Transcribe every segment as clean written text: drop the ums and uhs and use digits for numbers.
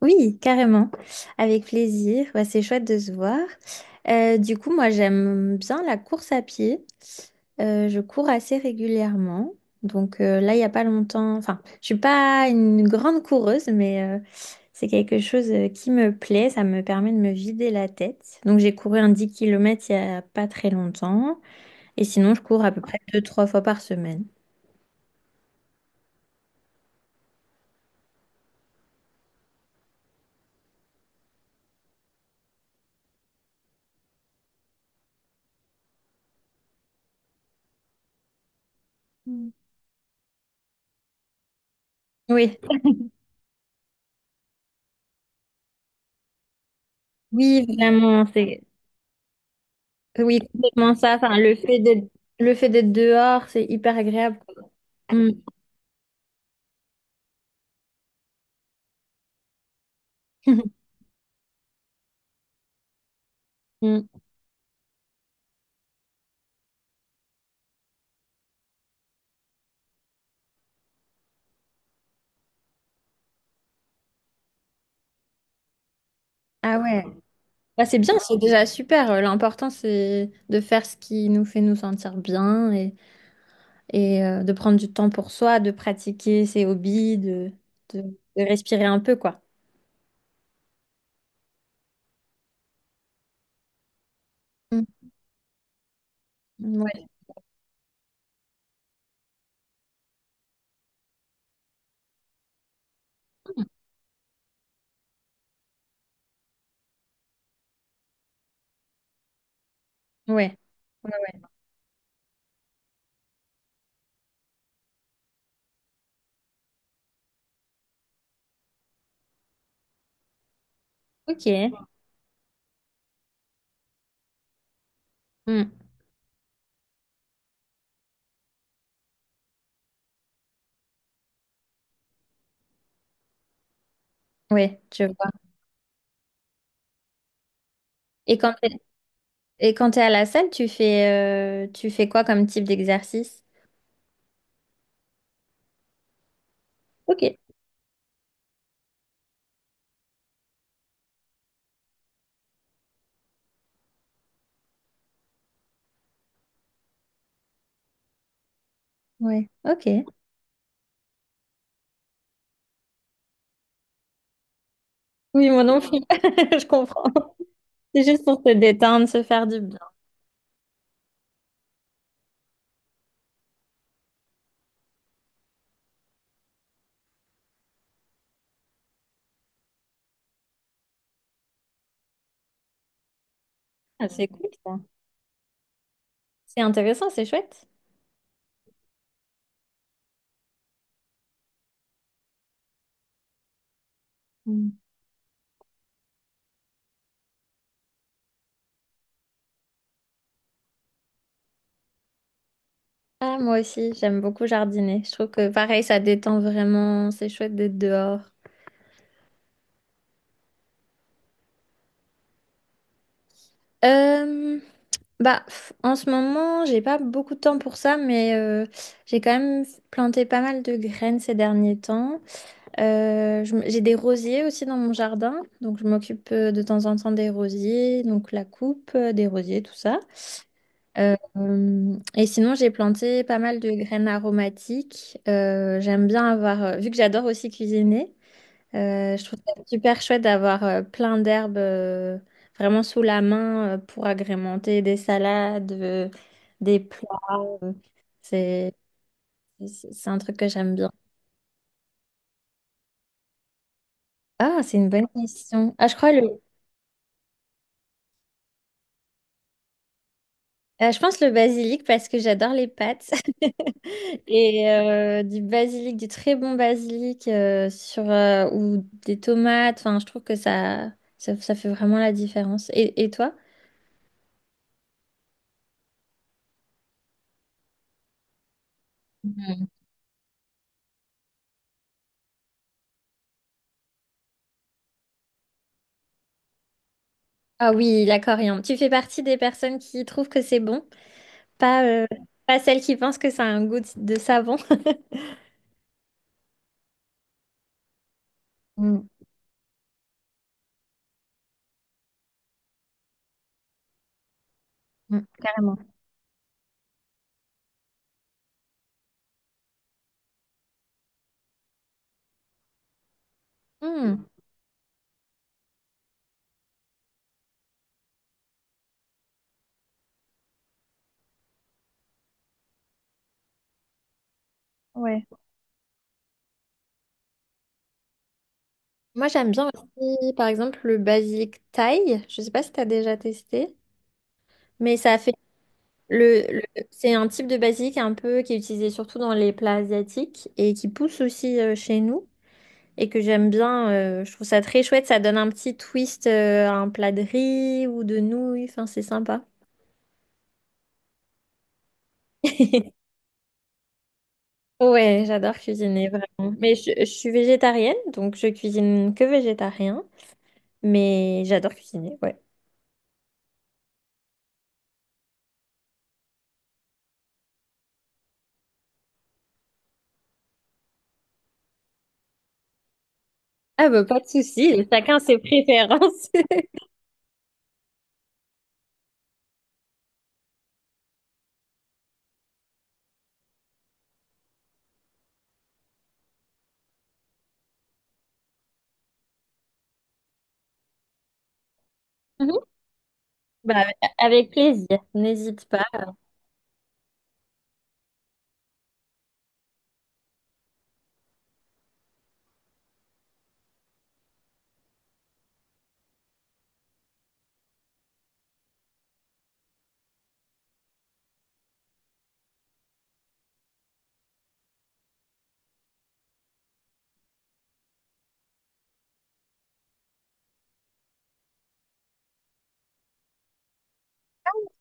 Oui, carrément. Avec plaisir. Ouais, c'est chouette de se voir. Du coup, moi, j'aime bien la course à pied. Je cours assez régulièrement. Donc là, il n'y a pas longtemps. Enfin, je suis pas une grande coureuse, mais c'est quelque chose qui me plaît. Ça me permet de me vider la tête. Donc j'ai couru un 10 kilomètres il n'y a pas très longtemps. Et sinon, je cours à peu près deux, trois fois par semaine. Mm. Oui, oui, vraiment. C'est. Oui, complètement ça. Enfin, le fait d'être dehors, c'est hyper agréable, quoi. Mm. Mm. Ah ouais. Bah, c'est bien, c'est déjà super. L'important, c'est de faire ce qui nous fait nous sentir bien et de prendre du temps pour soi, de pratiquer ses hobbies, de respirer un peu, quoi. Mm. Ouais. Ouais. Ouais, ouais. Ok. Mm. Ouais, je vois. Et quand t'es, et quand t'es à la salle, tu fais quoi comme type d'exercice? Ok. Ouais. Ok. Oui, moi non plus. Je comprends. C'est juste pour se détendre, se faire du bien. Ah, c'est cool, ça. C'est intéressant, c'est chouette. Mm. Ah, moi aussi, j'aime beaucoup jardiner. Je trouve que pareil, ça détend vraiment. C'est chouette d'être dehors. Euh, Bah, pff, en ce moment, j'ai pas beaucoup de temps pour ça, mais j'ai quand même planté pas mal de graines ces derniers temps. J'ai des rosiers aussi dans mon jardin, donc je m'occupe de temps en temps des rosiers, donc la coupe des rosiers, tout ça. Et sinon, j'ai planté pas mal de graines aromatiques. J'aime bien avoir, vu que j'adore aussi cuisiner, je trouve ça super chouette d'avoir plein d'herbes vraiment sous la main pour agrémenter des salades, des plats. euh, c'est, c'est un truc que j'aime bien. Ah, c'est une bonne question. Ah, je pense le basilic parce que j'adore les pâtes. Et du basilic, du très bon basilic sur, ou des tomates. Enfin, je trouve que ça fait vraiment la différence. Et toi? Mm. Ah oui, la coriandre. Tu fais partie des personnes qui trouvent que c'est bon, pas, euh, pas celles qui pensent que ça a un goût de savon. Mm, mm, carrément. Hmm, ouais. Moi, j'aime bien aussi, par exemple, le basilic thaï. Je sais pas si tu as déjà testé, mais ça fait. C'est un type de basilic un peu qui est utilisé surtout dans les plats asiatiques et qui pousse aussi chez nous et que j'aime bien. Je trouve ça très chouette. Ça donne un petit twist à un plat de riz ou de nouilles. Enfin, c'est sympa. Ouais, j'adore cuisiner vraiment. Mais je suis végétarienne, donc je cuisine que végétarien. Mais j'adore cuisiner, ouais. Ah bah pas de souci, chacun ses préférences. Mhm. Bah, avec plaisir, n'hésite pas.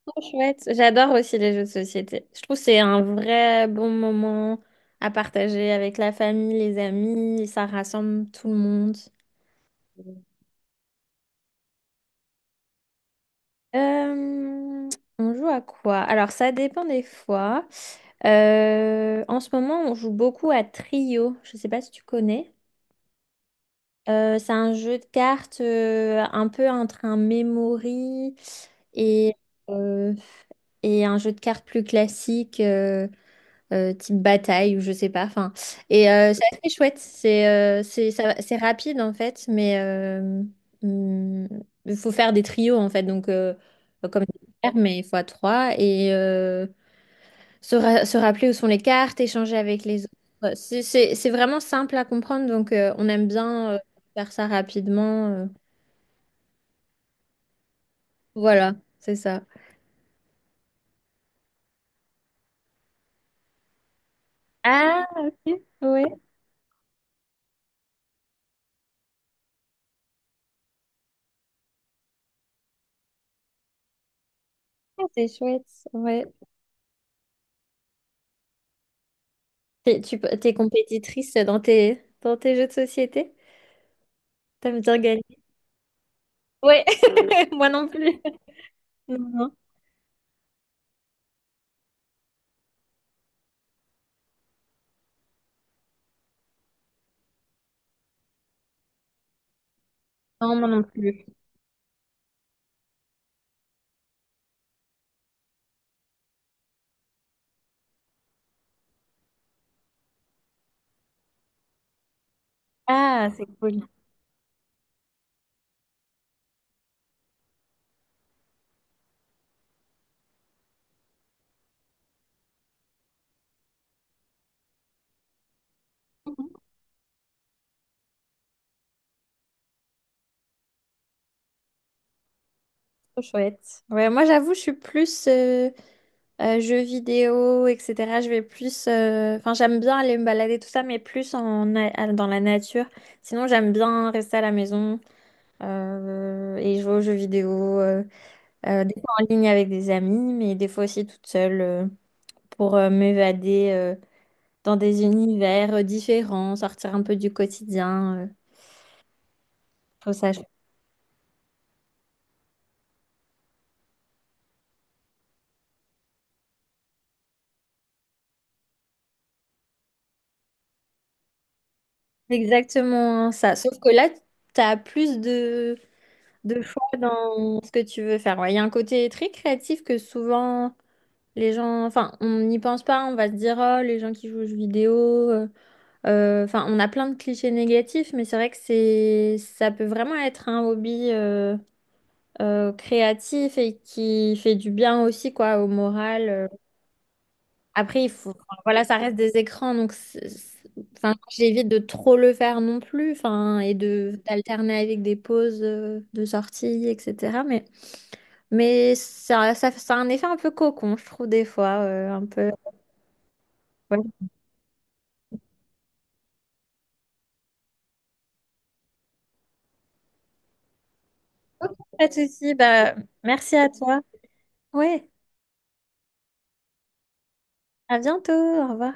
Trop chouette. J'adore aussi les jeux de société. Je trouve que c'est un vrai bon moment à partager avec la famille, les amis, ça rassemble tout le monde. Euh, on joue à quoi? Alors, ça dépend des fois. En ce moment, on joue beaucoup à Trio. Je ne sais pas si tu connais. C'est un jeu de cartes un peu entre un memory et, euh, et un jeu de cartes plus classique. Type bataille ou je sais pas. Enfin, c'est assez chouette. C'est rapide en fait, hum, il faut faire des trios en fait. Donc comme des paires, mais fois trois et se rappeler où sont les cartes, échanger avec les autres. C'est vraiment simple à comprendre, donc on aime bien faire ça rapidement. Voilà, c'est ça. Ah, ok, ouais. Ah, c'est chouette, ouais. T'es compétitrice dans tes, jeux de société? T'aimes bien gagner? Ouais, moi non plus. Non, non. Non, moi non plus. Ah, c'est cool. Mhm. Trop chouette. Ouais, moi j'avoue, je suis plus jeux vidéo, etc. Je vais plus. Enfin, j'aime bien aller me balader, tout ça, mais plus dans la nature. Sinon, j'aime bien rester à la maison et jouer aux jeux vidéo. Des fois en ligne avec des amis, mais des fois aussi toute seule pour m'évader dans des univers différents, sortir un peu du quotidien. Je trouve ça chouette. Exactement hein, ça. Sauf que là, tu as plus de choix dans ce que tu veux faire. Ouais, il y a un côté très créatif que souvent les gens, enfin, on n'y pense pas, on va se dire, oh, les gens qui jouent aux jeux vidéo, euh, enfin, on a plein de clichés négatifs, mais c'est vrai que c'est, ça peut vraiment être un hobby créatif et qui fait du bien aussi, quoi, au moral. Après, il faut, enfin, voilà, ça reste des écrans, donc enfin, j'évite de trop le faire non plus, enfin, et de d'alterner avec des pauses de sortie, etc. Mais, mais ça a un effet un peu cocon, je trouve, des fois, un peu. Ouais. Pas de souci, bah, merci à toi. Ouais, à bientôt, au revoir.